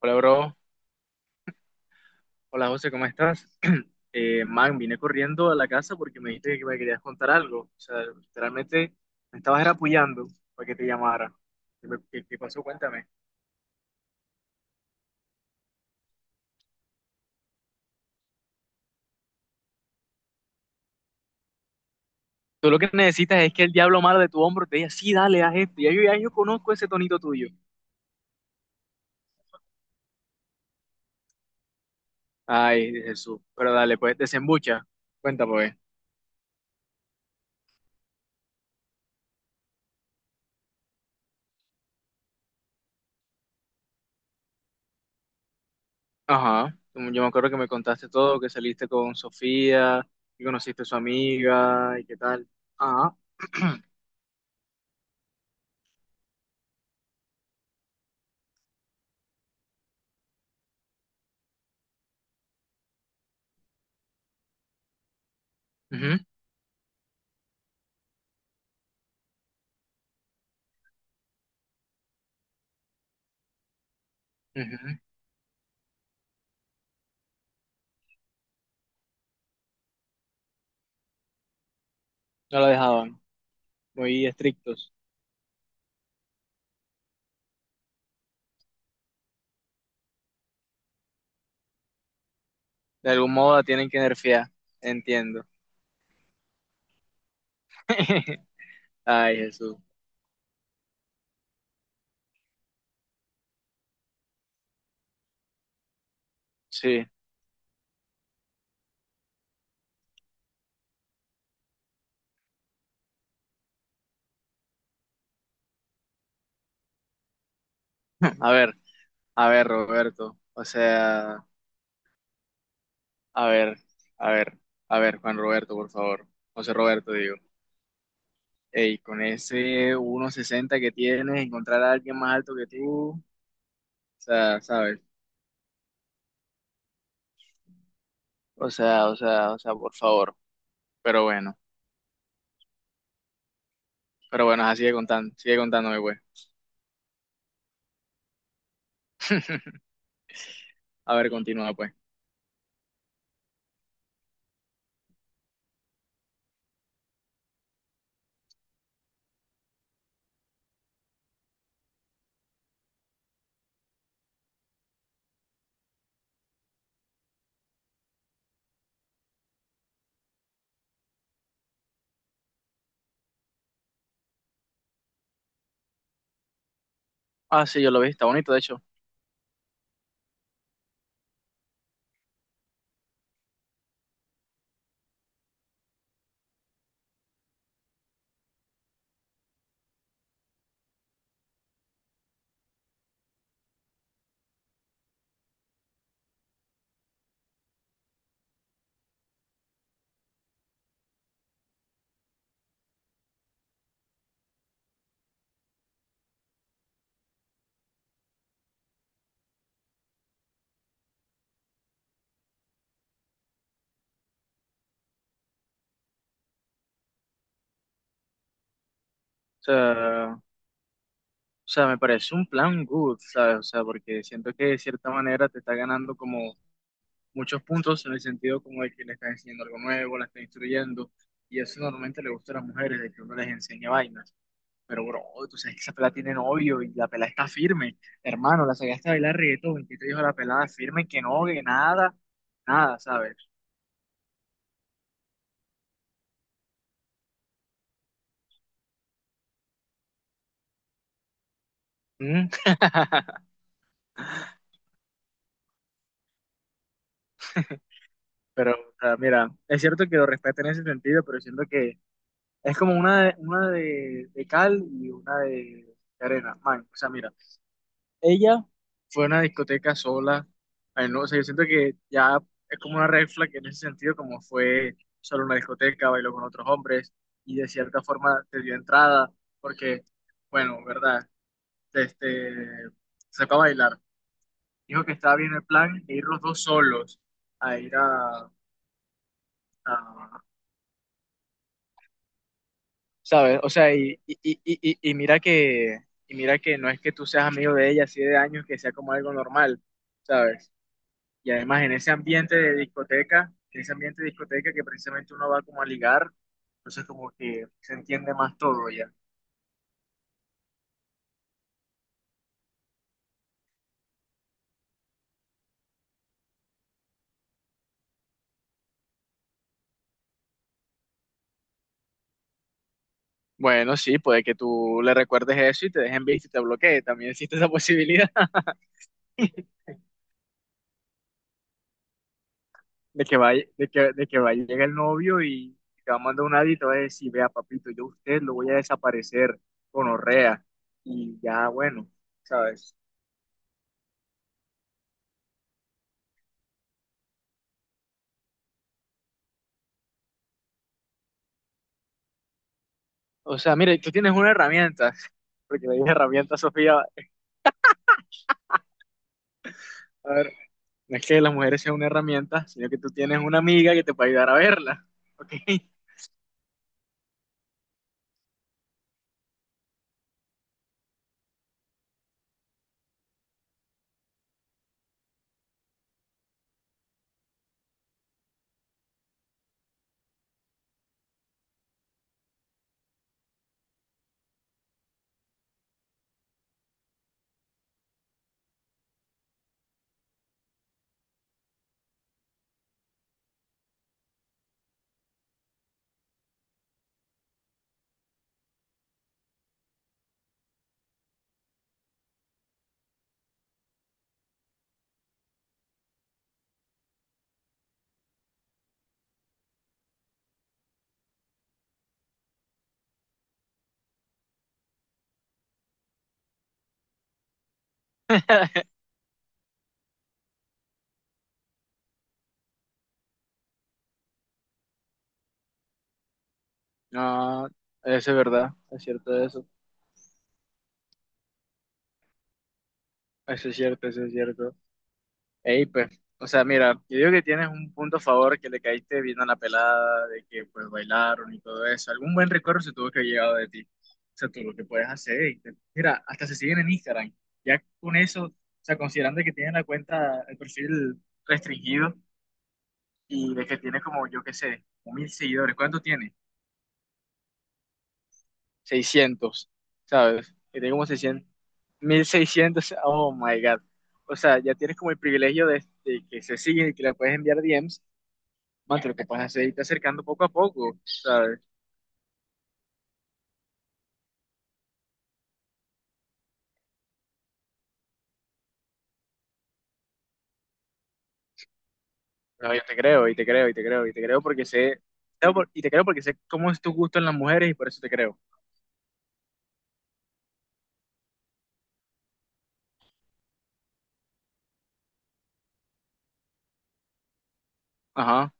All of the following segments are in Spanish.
Hola, bro. Hola, José, ¿cómo estás? Man, vine corriendo a la casa porque me dijiste que me querías contar algo. O sea, literalmente me estabas era apoyando para que te llamara. ¿Qué pasó? Cuéntame. Tú lo que necesitas es que el diablo malo de tu hombro te diga, sí, dale, haz esto. Ya yo conozco ese tonito tuyo. Ay, Jesús. Pero dale, pues, desembucha. Cuéntame, pues. Ajá. Yo me acuerdo que me contaste todo, que saliste con Sofía, que conociste a su amiga y qué tal. Ajá. Ujú, ujú. No la dejaban. Muy estrictos. De algún modo la tienen que nerfear, entiendo. Ay, Jesús. Sí. A ver, a ver, Roberto. O sea, a ver, a ver, a ver, Juan Roberto, por favor. José Roberto, digo. Ey, con ese uno sesenta que tienes, encontrar a alguien más alto que tú, o sea, ¿sabes? O sea, o sea, o sea, por favor. Pero bueno, pero bueno, ajá, sigue contando, sigue contándome, güey. A ver, continúa, pues. Ah, sí, yo lo vi, está bonito, de hecho. Sea, O sea, me parece un plan good, ¿sabes? O sea, porque siento que de cierta manera te está ganando como muchos puntos en el sentido como de que le estás enseñando algo nuevo, la estás instruyendo, y eso normalmente le gusta a las mujeres, de que uno les enseña vainas. Pero, bro, tú sabes que esa pelada tiene novio y la pelada está firme. Hermano, la sacaste a bailar reggaetón y que te dijo la pelada firme que no, que nada, nada, ¿sabes? Mm, Pero, o sea, mira, es cierto que lo respeto en ese sentido, pero siento que es como una de cal y una de arena. Man, o sea, mira, ella fue a una discoteca sola. Ay, no, o sea, yo siento que ya es como una red flag en ese sentido, como fue solo una discoteca, bailó con otros hombres y de cierta forma te dio entrada, porque, bueno, verdad, este, se fue a bailar. Dijo que estaba bien el plan de ir los dos solos a ir a, a ¿Sabes? O sea, y mira que no es que tú seas amigo de ella así de años, que sea como algo normal, ¿sabes? Y además en ese ambiente de discoteca, en ese ambiente de discoteca que precisamente uno va como a ligar, entonces como que se entiende más todo ya. Bueno, sí, puede que tú le recuerdes eso y te dejen visto y te bloquee, también existe esa posibilidad. De que va a llegar el novio y te va a mandar un audio y te va a decir, vea, papito, yo a usted lo voy a desaparecer con orrea. Y ya, bueno, ¿sabes? O sea, mire, tú tienes una herramienta, porque le dije herramienta, Sofía, a ver, no es que las mujeres sean una herramienta, sino que tú tienes una amiga que te puede ayudar a verla, ¿ok? No, eso es verdad, es cierto eso, eso es cierto, eso es cierto. Ey, pues, o sea, mira, yo digo que tienes un punto a favor que le caíste bien a la pelada, de que pues bailaron y todo eso. Algún buen recuerdo se tuvo que haber llegado de ti. O sea, tú lo que puedes hacer. Mira, hasta se siguen en Instagram. Ya con eso, o sea, considerando que tienen la cuenta, el perfil restringido y de que tiene como, yo qué sé, como 1.000 seguidores. ¿Cuánto tiene? 600, ¿sabes? ¿Que tiene como 600? 1.600. Oh my God. O sea, ya tienes como el privilegio de que se siguen y que le puedes enviar DMs. Mate, lo que pasa es que se está acercando poco a poco, ¿sabes? No, yo te creo, y te creo, y te creo, y te creo porque sé, no, por- y te creo porque sé cómo es tu gusto en las mujeres y por eso te creo. Ajá.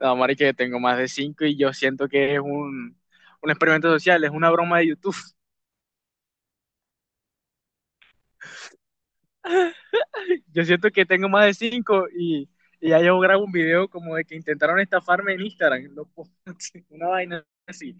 No, Mari, que tengo más de cinco y yo siento que es un experimento social, es una broma de YouTube. Yo siento que tengo más de cinco y, ya yo grabo un video como de que intentaron estafarme en Instagram, loco. Una vaina así.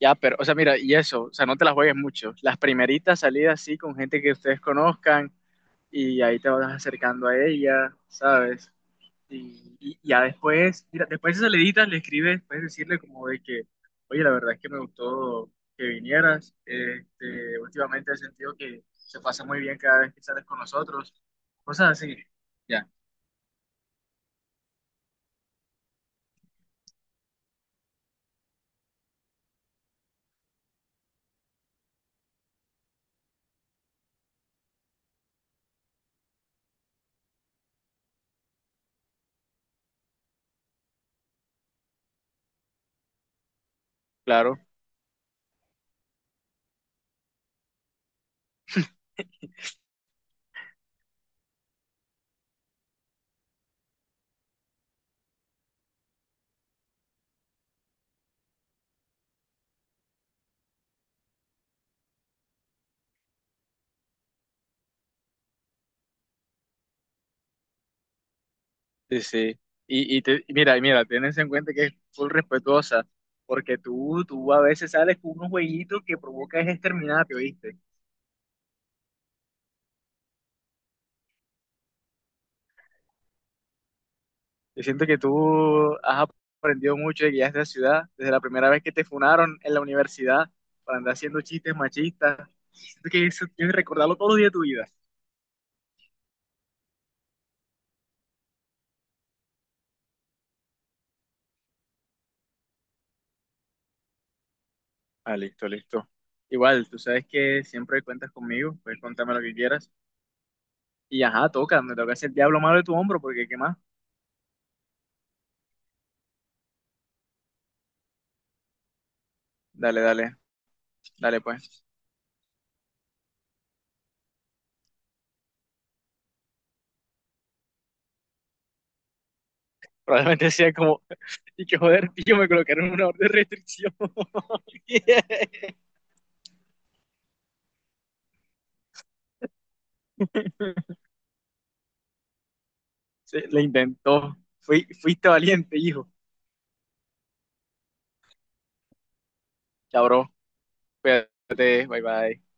Ya, pero, o sea, mira, y eso, o sea, no te las juegues mucho. Las primeritas salidas sí con gente que ustedes conozcan y ahí te vas acercando a ella, ¿sabes? Y, ya después, mira, después de esas saliditas le escribes, puedes decirle como de que, oye, la verdad es que me gustó que vinieras. Este, últimamente he sentido que se pasa muy bien cada vez que sales con nosotros. Cosas así. Ya, claro. Sí, sí. Y mira, tenés en cuenta que es full respetuosa, porque tú a veces sales con unos jueguitos que provoca es exterminarte, ¿oíste? Yo siento que tú has aprendido mucho de guías de la ciudad, desde la primera vez que te funaron en la universidad para andar haciendo chistes machistas. Siento que eso tienes que recordarlo todos los días de tu vida. Ah, listo, listo. Igual, tú sabes que siempre cuentas conmigo, puedes contarme lo que quieras. Y ajá, toca, me toca hacer el diablo malo de tu hombro, porque ¿qué más? Dale, dale, dale pues. Probablemente sea como, y que joder, tío, me colocaron una orden de restricción. Yeah. Le intentó. Fuiste valiente, hijo. Chao, bro, cuídate, bye bye.